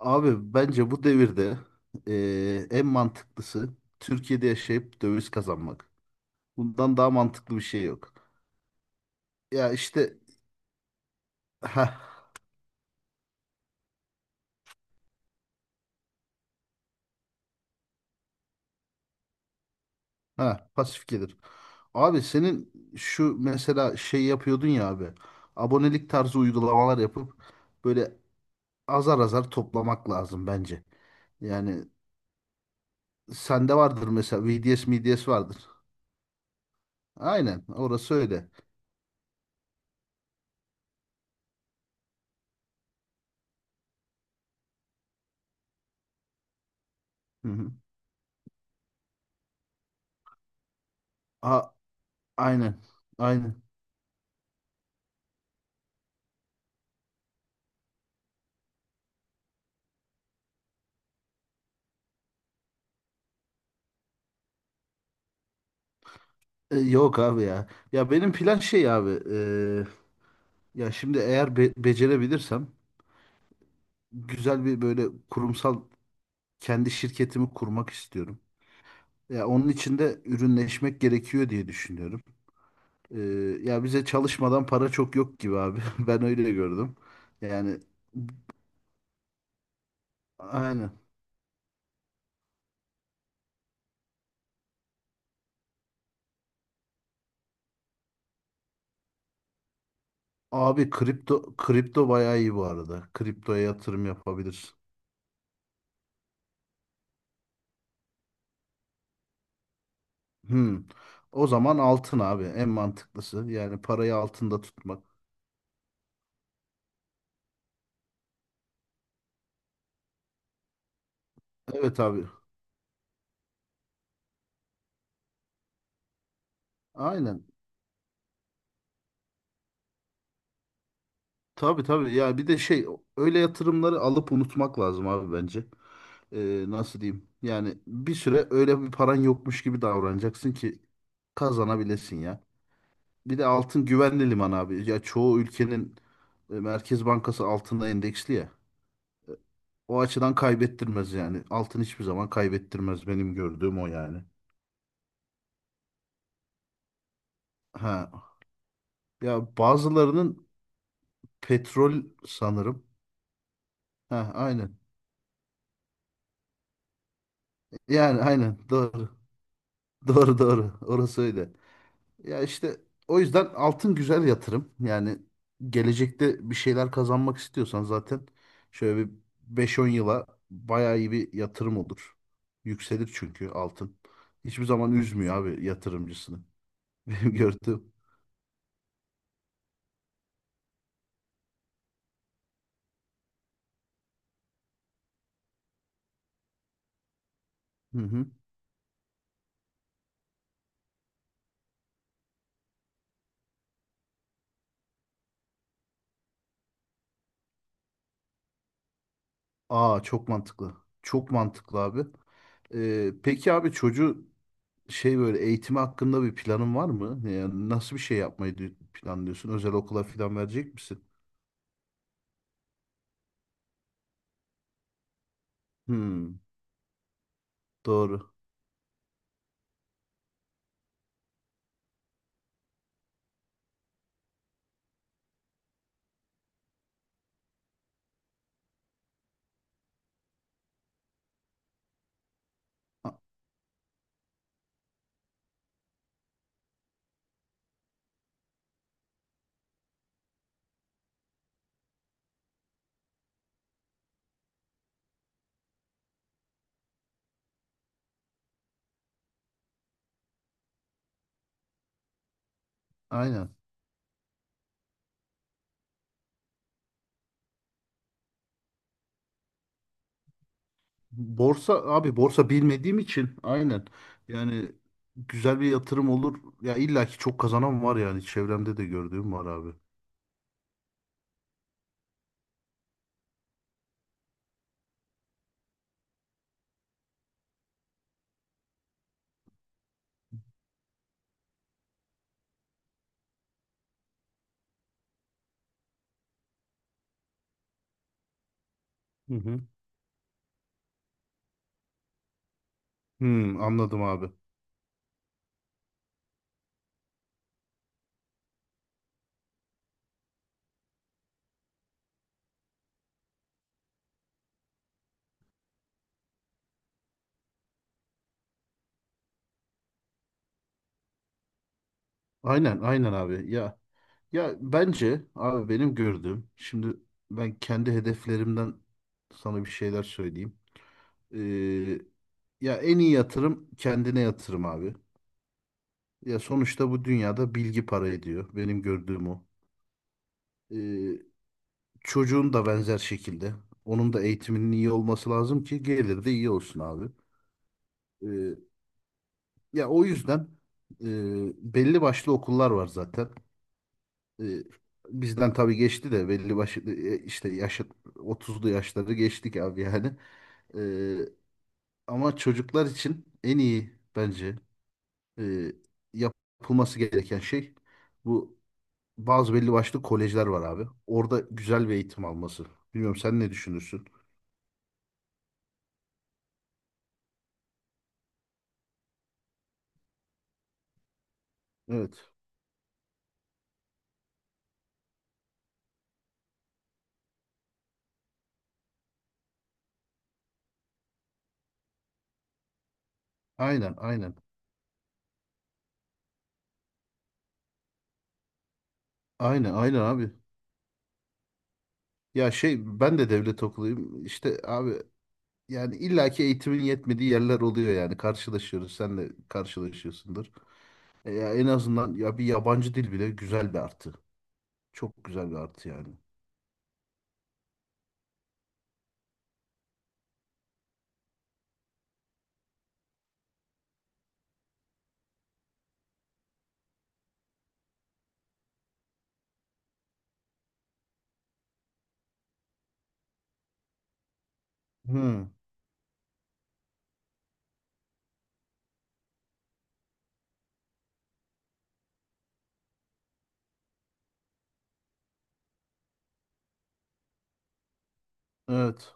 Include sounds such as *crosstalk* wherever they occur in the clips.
Abi bence bu devirde en mantıklısı Türkiye'de yaşayıp döviz kazanmak. Bundan daha mantıklı bir şey yok. Ya işte. Ha ha pasif gelir. Abi senin şu mesela şey yapıyordun ya abi. Abonelik tarzı uygulamalar yapıp böyle azar azar toplamak lazım bence. Yani sende vardır mesela VDS, MDS vardır. Aynen, orası öyle. Hı hı. A, aynen. Aynen. Yok abi ya. Ya benim plan şey abi. Ya şimdi eğer becerebilirsem güzel bir böyle kurumsal kendi şirketimi kurmak istiyorum. Ya onun için de ürünleşmek gerekiyor diye düşünüyorum. E, Ya bize çalışmadan para çok yok gibi abi. *laughs* Ben öyle gördüm. Yani aynen. Abi kripto kripto bayağı iyi bu arada. Kriptoya yatırım yapabilirsin. Hmm. O zaman altın abi en mantıklısı. Yani parayı altında tutmak. Evet abi. Aynen. Tabii tabii ya, bir de şey, öyle yatırımları alıp unutmak lazım abi bence. Nasıl diyeyim? Yani bir süre öyle bir paran yokmuş gibi davranacaksın ki kazanabilesin ya. Bir de altın güvenli liman abi. Ya çoğu ülkenin Merkez Bankası altına endeksli ya. O açıdan kaybettirmez yani. Altın hiçbir zaman kaybettirmez, benim gördüğüm o yani. Ha, ya bazılarının petrol sanırım. Ha aynen. Yani aynen doğru. *laughs* Doğru doğru. Orası öyle. Ya işte o yüzden altın güzel yatırım. Yani gelecekte bir şeyler kazanmak istiyorsan zaten şöyle bir beş on yıla bayağı iyi bir yatırım olur. Yükselir çünkü altın. Hiçbir zaman üzmüyor abi yatırımcısını. *laughs* Benim gördüğüm. Hı hı. Aa çok mantıklı. Çok mantıklı abi. Peki abi çocuğu şey böyle eğitimi hakkında bir planın var mı? Yani nasıl bir şey yapmayı planlıyorsun? Özel okula falan verecek misin? Hmm, doğru. A- aynen. Borsa abi, borsa bilmediğim için aynen. Yani güzel bir yatırım olur. Ya illaki çok kazanan var, yani çevremde de gördüğüm var abi. Hı hı. Hmm, anladım abi. Aynen aynen abi. Ya bence abi benim gördüğüm şimdi ben kendi hedeflerimden sana bir şeyler söyleyeyim. Ee, Ya en iyi yatırım kendine yatırım abi. Ya sonuçta bu dünyada bilgi para ediyor. Benim gördüğüm o. Ee, Çocuğun da benzer şekilde. Onun da eğitiminin iyi olması lazım ki gelir de iyi olsun abi. Ee, Ya o yüzden belli başlı okullar var zaten. Ee, Bizden tabii geçti de, belli başlı işte yaşı 30'lu yaşları geçtik abi yani. Ee, Ama çocuklar için en iyi bence e, yapılması gereken şey bu, bazı belli başlı kolejler var abi. Orada güzel bir eğitim alması. Bilmiyorum, sen ne düşünürsün? Evet. Aynen, aynen. Aynen aynen abi. Ya şey, ben de devlet okuluyum. İşte abi yani illaki eğitimin yetmediği yerler oluyor yani. Karşılaşıyoruz. Sen de karşılaşıyorsundur. E ya en azından ya bir yabancı dil bile güzel bir artı. Çok güzel bir artı yani. Hı, evet.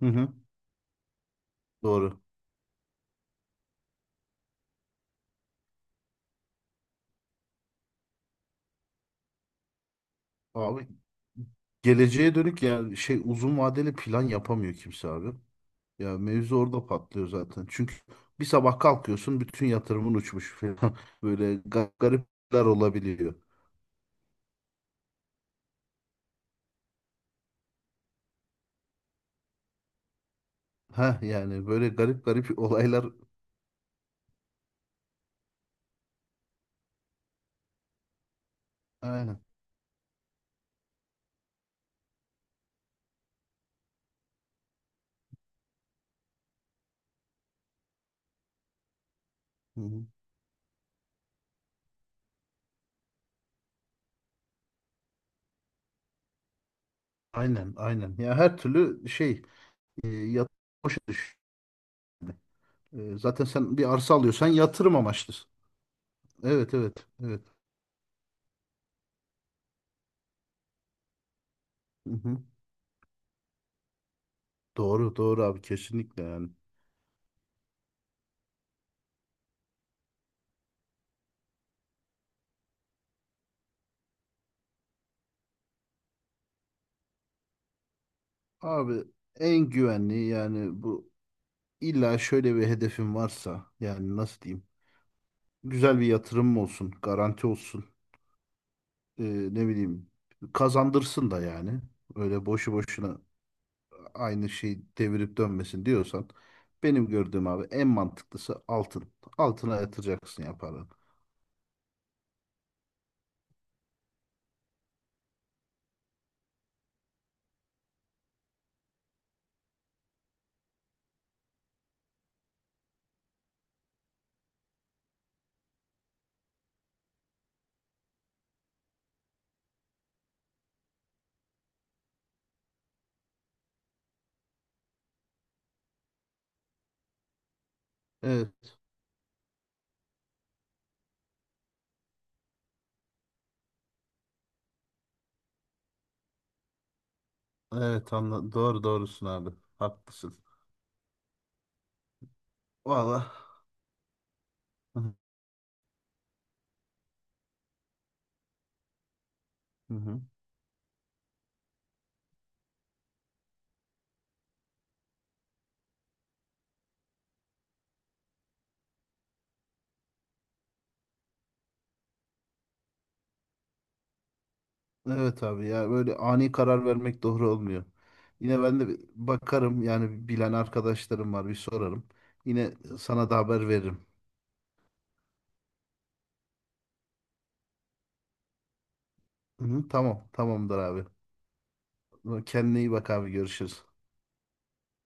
Hı hı. Doğru. Abi geleceğe dönük yani şey uzun vadeli plan yapamıyor kimse abi. Ya mevzu orada patlıyor zaten. Çünkü bir sabah kalkıyorsun bütün yatırımın uçmuş falan. *laughs* Böyle garipler olabiliyor. Ha yani böyle garip garip *laughs* olaylar aynen. Hı hı. Aynen aynen. Ya her türlü şey e, yat boşa düş. Zaten sen bir arsa alıyorsan yatırım amaçlı. Evet evet evet. Hı hı. Doğru doğru abi kesinlikle yani. Abi en güvenli yani bu, illa şöyle bir hedefin varsa yani nasıl diyeyim? Güzel bir yatırım olsun, garanti olsun. E, Ne bileyim, kazandırsın da yani. Öyle boşu boşuna aynı şey devirip dönmesin diyorsan, benim gördüğüm abi en mantıklısı altın. Altına yatıracaksın ya paranı. Evet. Evet anla doğru doğrusun abi. Haklısın. Valla. Hı hı. Evet abi ya böyle ani karar vermek doğru olmuyor. Yine ben de bir bakarım, yani bilen arkadaşlarım var, bir sorarım. Yine sana da haber veririm. Hı hı, tamam tamamdır abi. Kendine iyi bak abi, görüşürüz.